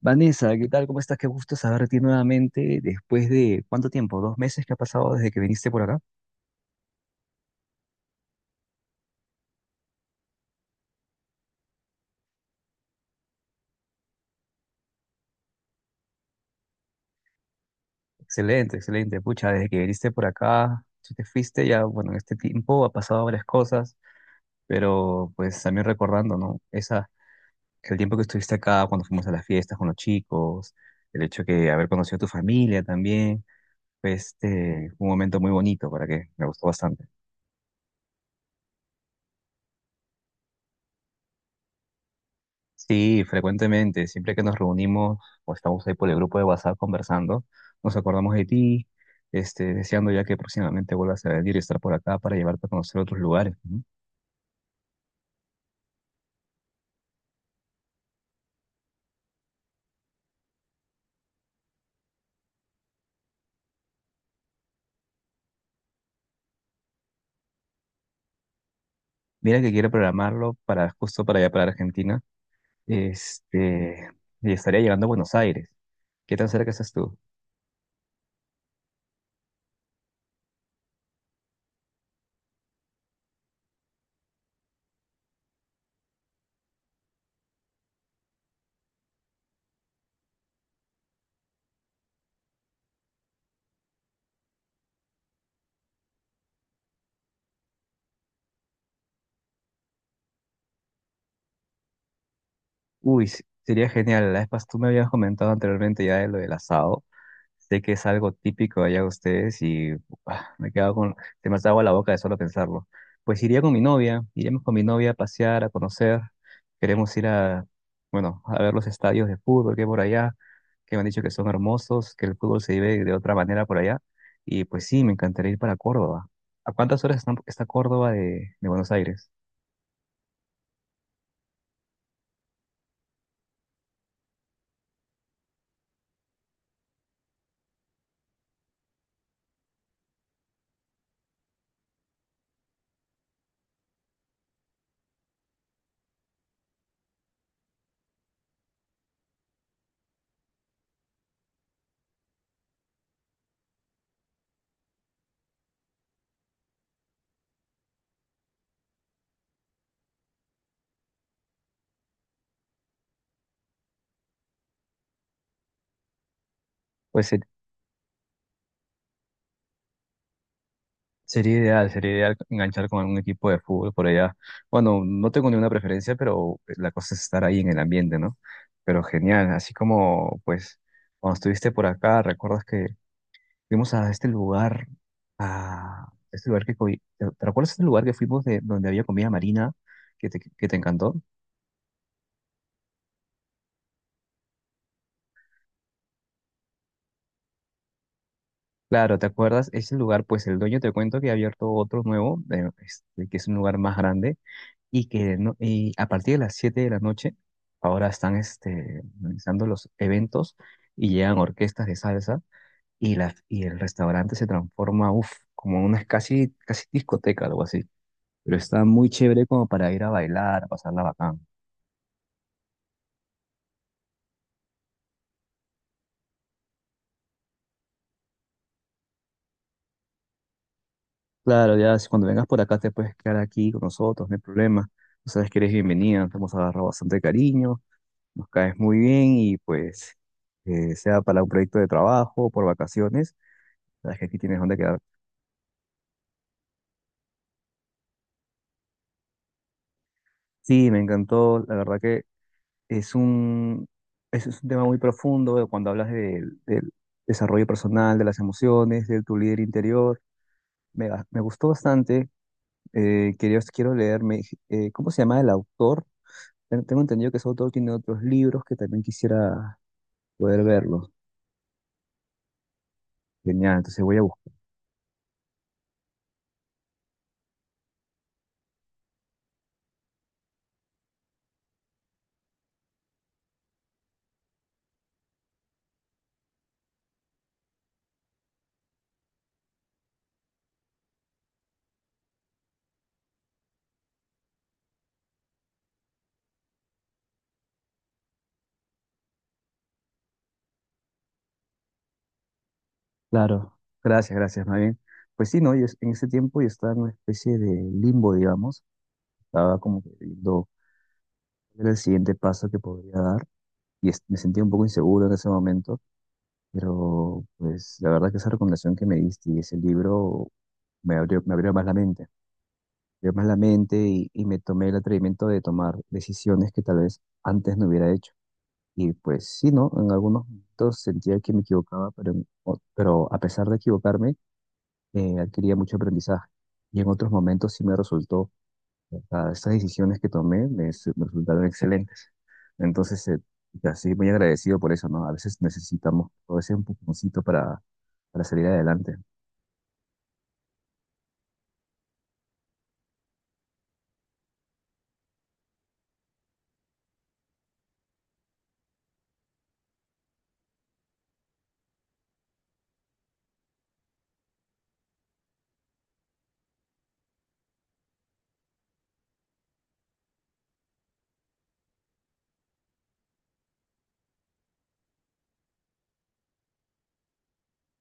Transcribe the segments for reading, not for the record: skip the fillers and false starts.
Vanessa, ¿qué tal? ¿Cómo estás? Qué gusto saber de ti nuevamente después de ¿cuánto tiempo? ¿2 meses que ha pasado desde que viniste por acá? Excelente, excelente. Pucha, desde que viniste por acá, si te fuiste ya, bueno, en este tiempo ha pasado varias cosas, pero pues también recordando, ¿no? El tiempo que estuviste acá, cuando fuimos a las fiestas con los chicos, el hecho de haber conocido a tu familia también, fue un momento muy bonito. ¿Para que Me gustó bastante. Sí, frecuentemente, siempre que nos reunimos o estamos ahí por el grupo de WhatsApp conversando, nos acordamos de ti, deseando ya que próximamente vuelvas a venir y estar por acá para llevarte a conocer otros lugares, ¿no? Mira que quiero programarlo para justo para allá, para Argentina, este, y estaría llegando a Buenos Aires. ¿Qué tan cerca estás tú? Uy, sería genial. Tú me habías comentado anteriormente ya de lo del asado. Sé que es algo típico allá de ustedes y, ah, me quedo con, se me hace agua la boca de solo pensarlo. Pues iríamos con mi novia a pasear, a conocer. Queremos ir bueno, a ver los estadios de fútbol que hay por allá, que me han dicho que son hermosos, que el fútbol se vive de otra manera por allá. Y pues sí, me encantaría ir para Córdoba. ¿A cuántas horas está Córdoba de Buenos Aires? Pues sería ideal, sería ideal enganchar con algún equipo de fútbol por allá. Bueno, no tengo ninguna preferencia, pero pues, la cosa es estar ahí en el ambiente, ¿no? Pero genial, así como, pues, cuando estuviste por acá, recuerdas que fuimos a este lugar. a este lugar que... co- ¿Te te recuerdas este lugar que fuimos de donde había comida marina que te encantó? Claro, ¿te acuerdas? Ese lugar, pues el dueño te cuento que ha abierto otro nuevo, que es un lugar más grande, y que no- y a partir de las 7 de la noche ahora están organizando los eventos y llegan orquestas de salsa y el restaurante se transforma, uff, como una casi, casi discoteca, algo así. Pero está muy chévere como para ir a bailar, a pasarla bacán. Claro, ya si cuando vengas por acá te puedes quedar aquí con nosotros, no hay problema. Tú sabes que eres bienvenida, te hemos agarrado bastante cariño, nos caes muy bien y pues sea para un proyecto de trabajo, por vacaciones, sabes que aquí tienes donde quedar. Sí, me encantó. La verdad que es un, es un tema muy profundo, cuando hablas del desarrollo personal, de las emociones, de tu líder interior. Me gustó bastante. Quiero leerme. ¿Cómo se llama el autor? Tengo entendido que ese autor tiene otros libros que también quisiera poder verlos. Genial, entonces voy a buscar. Claro, gracias, gracias, más bien. Pues sí, ¿no? En ese tiempo yo estaba en una especie de limbo, digamos. Estaba como que viendo cuál era el siguiente paso que podría dar, y me sentía un poco inseguro en ese momento, pero pues la verdad que esa recomendación que me diste y ese libro me abrió más la mente, me abrió más la mente, y me tomé el atrevimiento de tomar decisiones que tal vez antes no hubiera hecho. Y pues sí, ¿no? En algunos momentos sentía que me equivocaba, pero, pero a pesar de equivocarme, adquiría mucho aprendizaje. Y en otros momentos sí me resultó, o sea, estas decisiones que tomé me resultaron excelentes. Entonces, ya, sí, muy agradecido por eso, ¿no? A veces necesitamos todo ese empujoncito para salir adelante.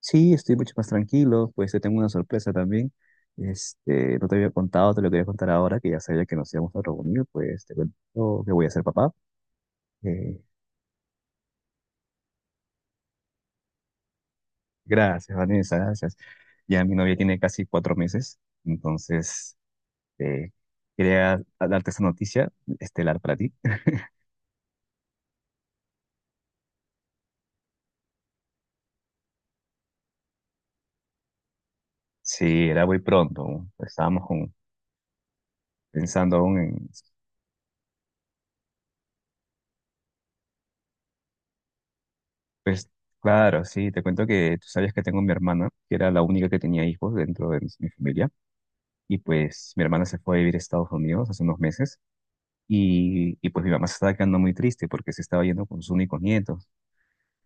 Sí, estoy mucho más tranquilo, pues te tengo una sorpresa también. No te había contado, te lo quería contar ahora, que ya sabía que nos íbamos a reunir, pues te cuento que voy a ser papá. Eh, Gracias, Vanessa, gracias. Ya mi novia tiene casi 4 meses, entonces eh, quería darte esa noticia estelar para ti. Sí, era muy pronto. Estábamos pensando aún en. Pues claro, sí, te cuento que tú sabías que tengo mi hermana, que era la única que tenía hijos dentro de mi familia, y pues mi hermana se fue a vivir a Estados Unidos hace unos meses, y pues mi mamá se estaba quedando muy triste porque se estaba yendo con sus únicos nietos.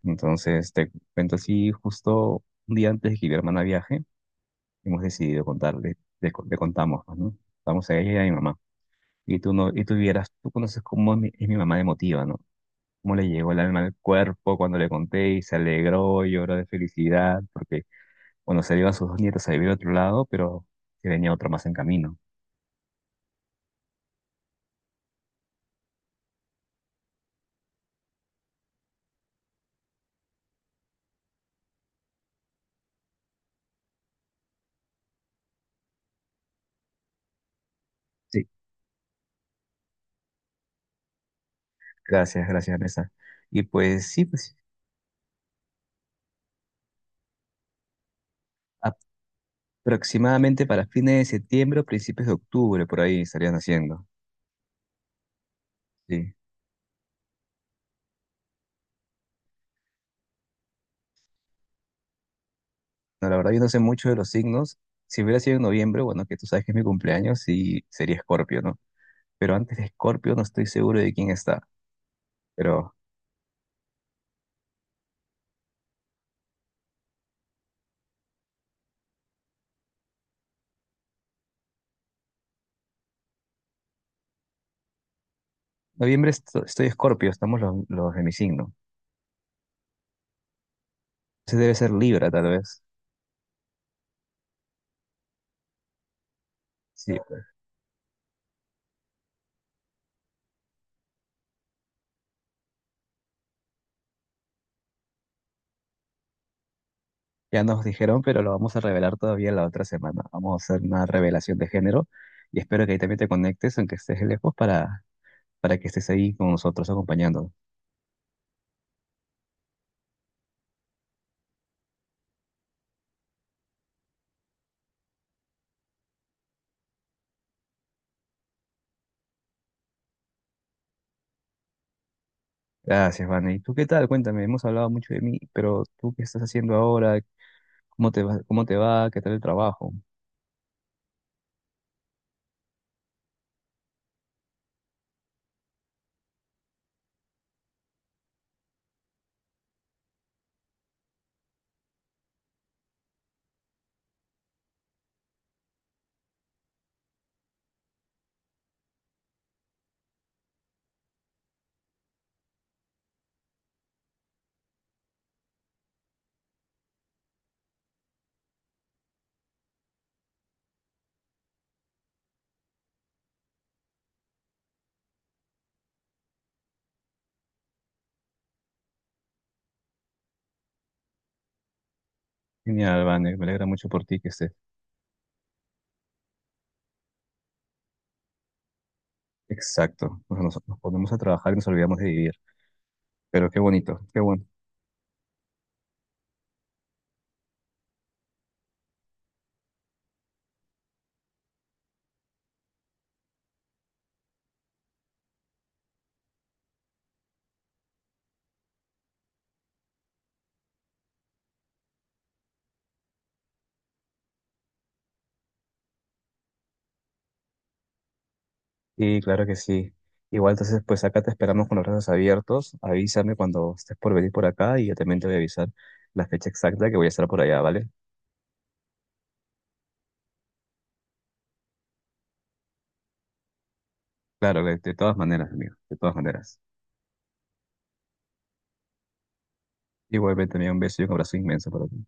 Entonces te cuento así, justo un día antes de que mi hermana viaje, hemos decidido contarle. Le contamos, pues, ¿no? Contamos a ella y a mi mamá. Y tú no, y tú vieras, tú conoces cómo es mi mamá emotiva, ¿no? Cómo le llegó el alma al cuerpo cuando le conté y se alegró, lloró de felicidad. Porque Bueno, se iban sus 2 nietos a vivir a otro lado, pero que venía otro más en camino. Sí, gracias, gracias, Vanessa. Y pues sí, pues aproximadamente para fines de septiembre o principios de octubre, por ahí estarían haciendo. Sí. No, la verdad yo no sé mucho de los signos. Si hubiera sido en noviembre, bueno, que tú sabes que es mi cumpleaños, sí sería Escorpio, ¿no? Pero antes de Escorpio no estoy seguro de quién está. Pero noviembre estoy Escorpio, estamos los de mi signo. Ese debe ser Libra, tal vez. Sí, ya nos dijeron, pero lo vamos a revelar todavía la otra semana. Vamos a hacer una revelación de género, y espero que ahí también te conectes, aunque estés lejos, para que estés ahí con nosotros acompañándonos. Gracias, Vane. ¿Y tú qué tal? Cuéntame, hemos hablado mucho de mí, pero ¿tú qué estás haciendo ahora? ¿Cómo te va? ¿Cómo te va? ¿Qué tal el trabajo? Genial, Vane. Me alegra mucho por ti que estés. Exacto. Nos ponemos a trabajar y nos olvidamos de vivir. Pero qué bonito, qué bueno. Sí, claro que sí. Igual entonces, pues acá te esperamos con los brazos abiertos. Avísame cuando estés por venir por acá y yo también te voy a avisar la fecha exacta que voy a estar por allá, ¿vale? Claro, de todas maneras, amigo, de todas maneras. Igualmente, amigo, un beso y un abrazo inmenso para ti.